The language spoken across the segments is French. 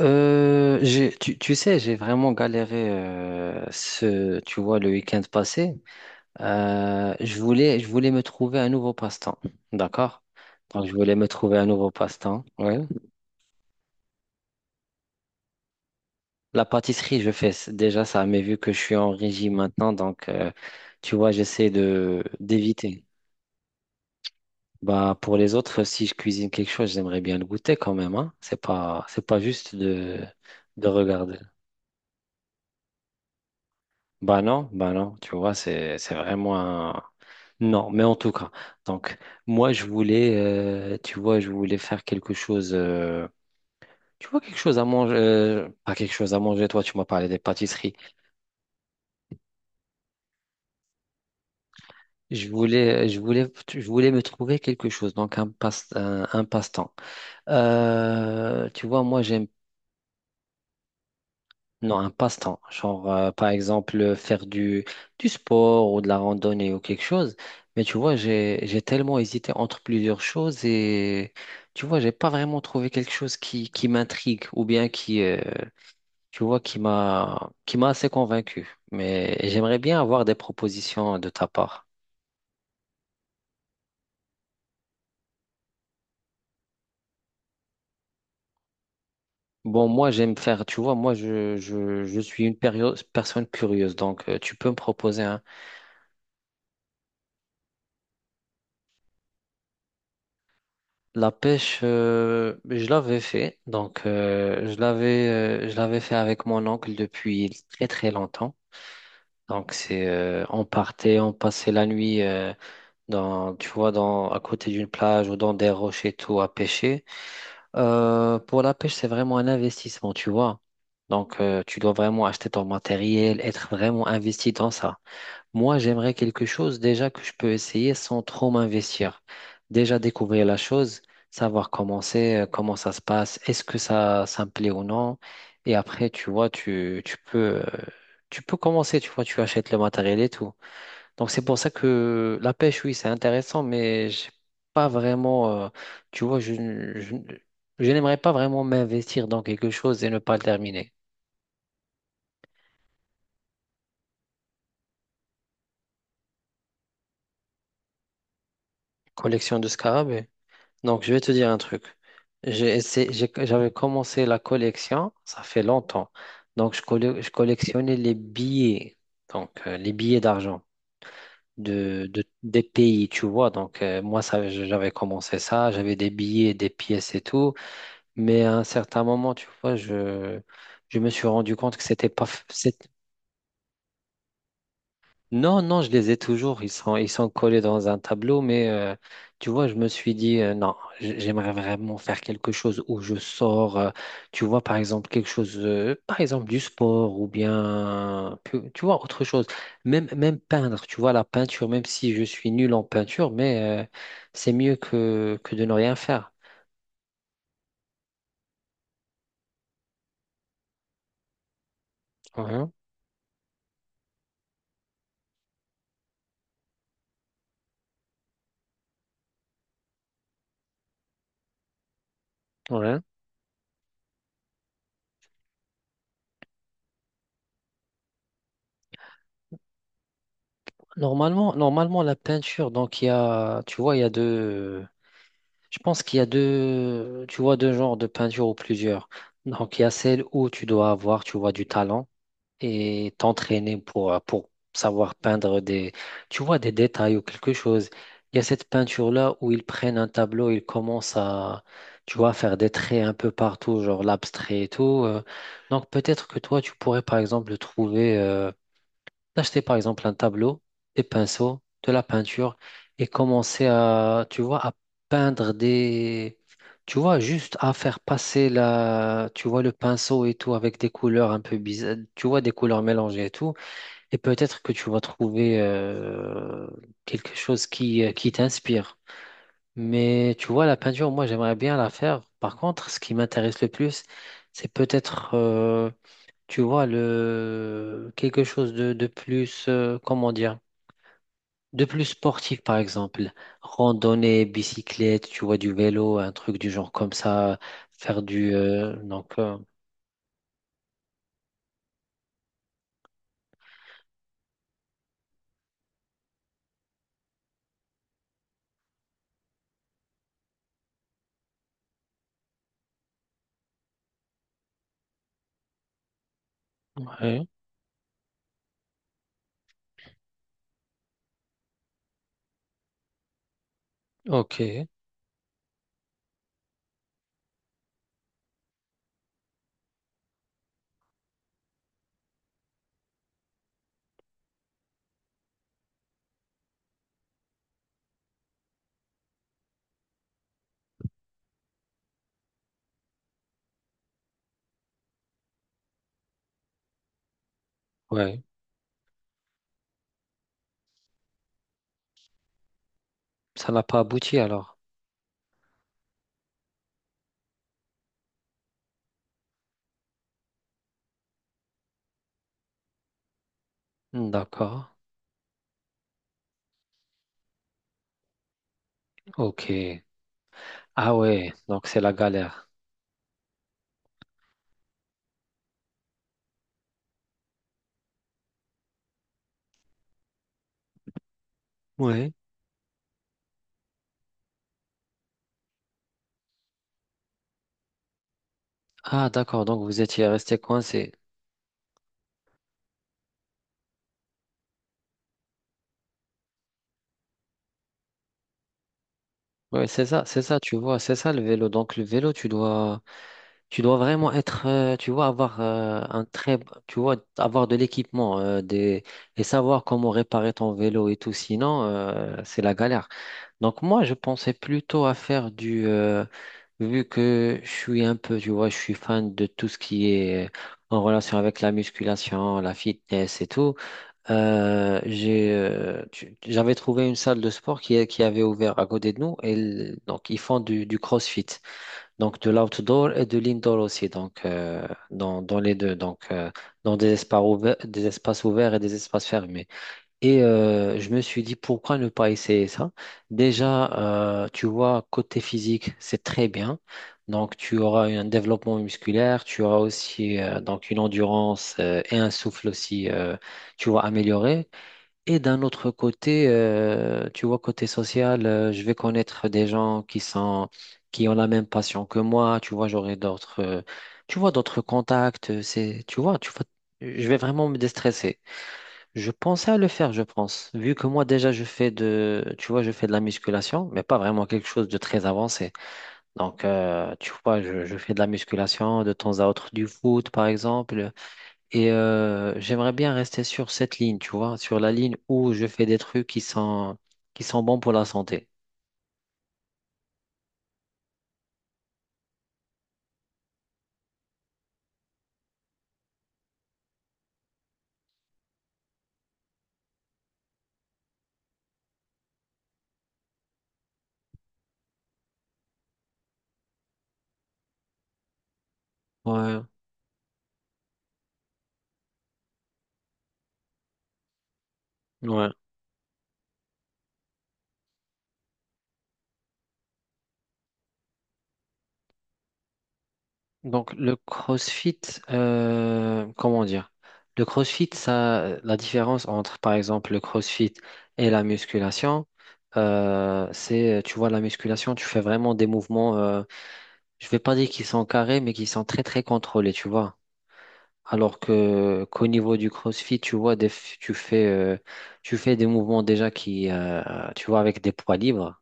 Tu sais, j'ai vraiment galéré tu vois, le week-end passé. Je voulais me trouver un nouveau passe-temps, d'accord? Donc, je voulais me trouver un nouveau passe-temps. Ouais. La pâtisserie, je fais déjà ça, mais vu que je suis en régime maintenant, donc, tu vois, j'essaie de d'éviter. Bah, pour les autres, si je cuisine quelque chose, j'aimerais bien le goûter quand même, hein. C'est pas juste de regarder. Bah non, tu vois, c'est vraiment un... Non, mais en tout cas, donc moi je voulais, tu vois, je voulais faire quelque chose, tu vois, quelque chose à manger, pas quelque chose à manger, toi tu m'as parlé des pâtisseries. Je voulais me trouver quelque chose, donc un passe-temps. Tu vois, moi j'aime. Non, un passe-temps. Genre, par exemple, faire du sport ou de la randonnée ou quelque chose. Mais tu vois, j'ai tellement hésité entre plusieurs choses et tu vois, j'ai pas vraiment trouvé quelque chose qui m'intrigue ou bien qui, tu vois, qui m'a assez convaincu. Mais j'aimerais bien avoir des propositions de ta part. Bon, moi, j'aime faire, tu vois, moi, je suis une personne curieuse. Donc, tu peux me proposer. La pêche, je l'avais fait. Donc, je l'avais fait avec mon oncle depuis très très longtemps. Donc, c'est, on partait, on passait la nuit tu vois, dans à côté d'une plage ou dans des rochers et tout à pêcher. Pour la pêche, c'est vraiment un investissement, tu vois. Donc, tu dois vraiment acheter ton matériel, être vraiment investi dans ça. Moi, j'aimerais quelque chose déjà que je peux essayer sans trop m'investir. Déjà découvrir la chose, savoir comment c'est, comment ça se passe, est-ce que ça me plaît ou non. Et après, tu vois, tu peux commencer, tu vois, tu achètes le matériel et tout. Donc, c'est pour ça que la pêche, oui, c'est intéressant, mais j'ai pas vraiment, tu vois, je, je n'aimerais pas vraiment m'investir dans quelque chose et ne pas le terminer. Collection de scarabées. Donc, je vais te dire un truc. J'avais commencé la collection, ça fait longtemps. Donc, je collectionnais les billets, donc les billets d'argent des pays, tu vois. Donc, moi, ça, j'avais commencé ça, j'avais des billets, des pièces et tout. Mais à un certain moment, tu vois, je me suis rendu compte que c'était pas. Non, non, je les ai toujours. Ils sont collés dans un tableau, mais tu vois, je me suis dit, non, j'aimerais vraiment faire quelque chose où je sors, tu vois, par exemple, quelque chose, par exemple, du sport ou bien, tu vois, autre chose. Même, même peindre, tu vois, la peinture, même si je suis nul en peinture, mais c'est mieux que de ne rien faire. Mhm, ouais. Normalement, normalement, la peinture, donc, il y a, tu vois, il y a deux. Je pense qu'il y a deux, tu vois, deux genres de peinture ou plusieurs. Donc, il y a celle où tu dois avoir, tu vois, du talent et t'entraîner pour savoir peindre des, tu vois, des détails ou quelque chose. Il y a cette peinture-là où ils prennent un tableau, ils commencent à, tu vois, faire des traits un peu partout, genre l'abstrait et tout. Donc, peut-être que toi, tu pourrais, par exemple, trouver, d'acheter par exemple un tableau, des pinceaux, de la peinture et commencer à, tu vois, à peindre des, tu vois, juste à faire passer la, tu vois, le pinceau et tout avec des couleurs un peu bizarres, tu vois, des couleurs mélangées et tout. Et peut-être que tu vas trouver quelque chose qui t'inspire. Mais tu vois, la peinture, moi, j'aimerais bien la faire. Par contre, ce qui m'intéresse le plus, c'est peut-être... tu vois, le... quelque chose de plus, comment dire, de plus sportif, par exemple. Randonnée, bicyclette, tu vois, du vélo, un truc du genre comme ça. Faire du... donc, ouais, ok, ouais. Ça n'a pas abouti alors. Hmm, d'accord, ok. Ah ouais, donc c'est la galère. Ouais. Ah d'accord, donc vous étiez resté coincé. Ouais, c'est ça, tu vois, c'est ça le vélo. Donc le vélo, tu dois... Tu dois vraiment être, tu vois, avoir un très, tu vois, avoir de l'équipement, et savoir comment réparer ton vélo et tout. Sinon, c'est la galère. Donc moi, je pensais plutôt à faire du, vu que je suis un peu, tu vois, je suis fan de tout ce qui est en relation avec la musculation, la fitness et tout. J'avais trouvé une salle de sport qui avait ouvert à côté de nous et donc ils font du CrossFit. Donc de l'outdoor et de l'indoor aussi, donc dans les deux, donc dans des espaces ouverts et des espaces fermés. Et je me suis dit pourquoi ne pas essayer ça? Déjà, tu vois, côté physique, c'est très bien. Donc tu auras un développement musculaire, tu auras aussi donc une endurance et un souffle aussi, tu vois, amélioré. Et d'un autre côté, tu vois, côté social, je vais connaître des gens qui sont, qui ont la même passion que moi. Tu vois, j'aurai d'autres, tu vois, d'autres contacts. C'est, tu vois, je vais vraiment me déstresser. Je pensais à le faire, je pense, vu que moi déjà je fais de, tu vois, je fais de la musculation, mais pas vraiment quelque chose de très avancé. Donc, tu vois, je fais de la musculation de temps à autre, du foot, par exemple. Et j'aimerais bien rester sur cette ligne, tu vois, sur la ligne où je fais des trucs qui sont bons pour la santé. Ouais, ouais. Donc le CrossFit, comment dire? Le CrossFit, ça, la différence entre, par exemple, le CrossFit et la musculation, c'est, tu vois, la musculation, tu fais vraiment des mouvements, je vais pas dire qu'ils sont carrés, mais qui sont très, très contrôlés, tu vois. Alors que qu'au niveau du CrossFit, tu vois, tu fais des mouvements déjà qui, tu vois, avec des poids libres,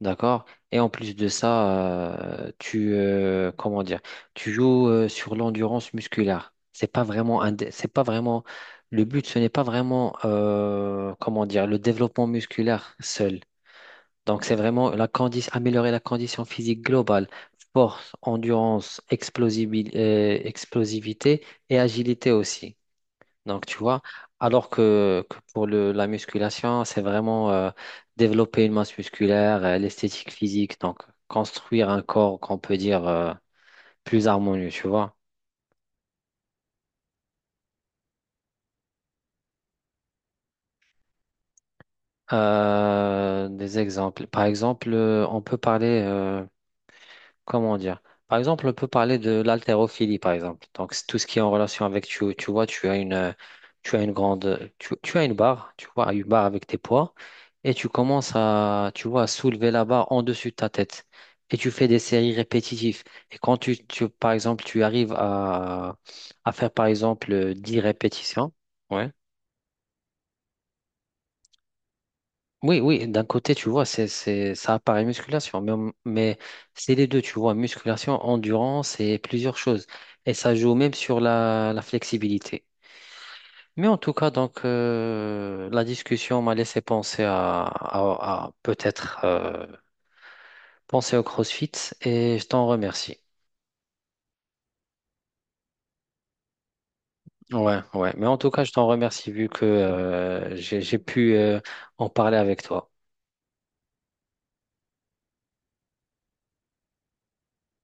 d'accord? Et en plus de ça, comment dire, tu joues sur l'endurance musculaire. C'est pas vraiment le but. Ce n'est pas vraiment, comment dire, le développement musculaire seul. Donc, c'est vraiment améliorer la condition physique globale, force, endurance, explosivité et agilité aussi. Donc, tu vois, alors que pour le, la musculation, c'est vraiment développer une masse musculaire, l'esthétique physique, donc construire un corps qu'on peut dire plus harmonieux, tu vois. Des exemples. Par exemple, on peut parler, comment dire? Par exemple, on peut parler de l'haltérophilie, par exemple. Donc, c'est tout ce qui est en relation avec, tu vois, tu as une grande, tu as une barre, tu vois, une barre avec tes poids, et tu commences à, tu vois, à soulever la barre en dessus de ta tête. Et tu fais des séries répétitives. Et quand par exemple, tu arrives à faire, par exemple, 10 répétitions, ouais. Oui, oui, d'un côté, tu vois, ça apparaît musculation, mais c'est les deux, tu vois, musculation, endurance et plusieurs choses. Et ça joue même sur la, la flexibilité. Mais en tout cas, donc, la discussion m'a laissé penser à, à peut-être penser au CrossFit et je t'en remercie. Ouais, ouais. Mais en tout cas, je t'en remercie vu que j'ai pu en parler avec toi.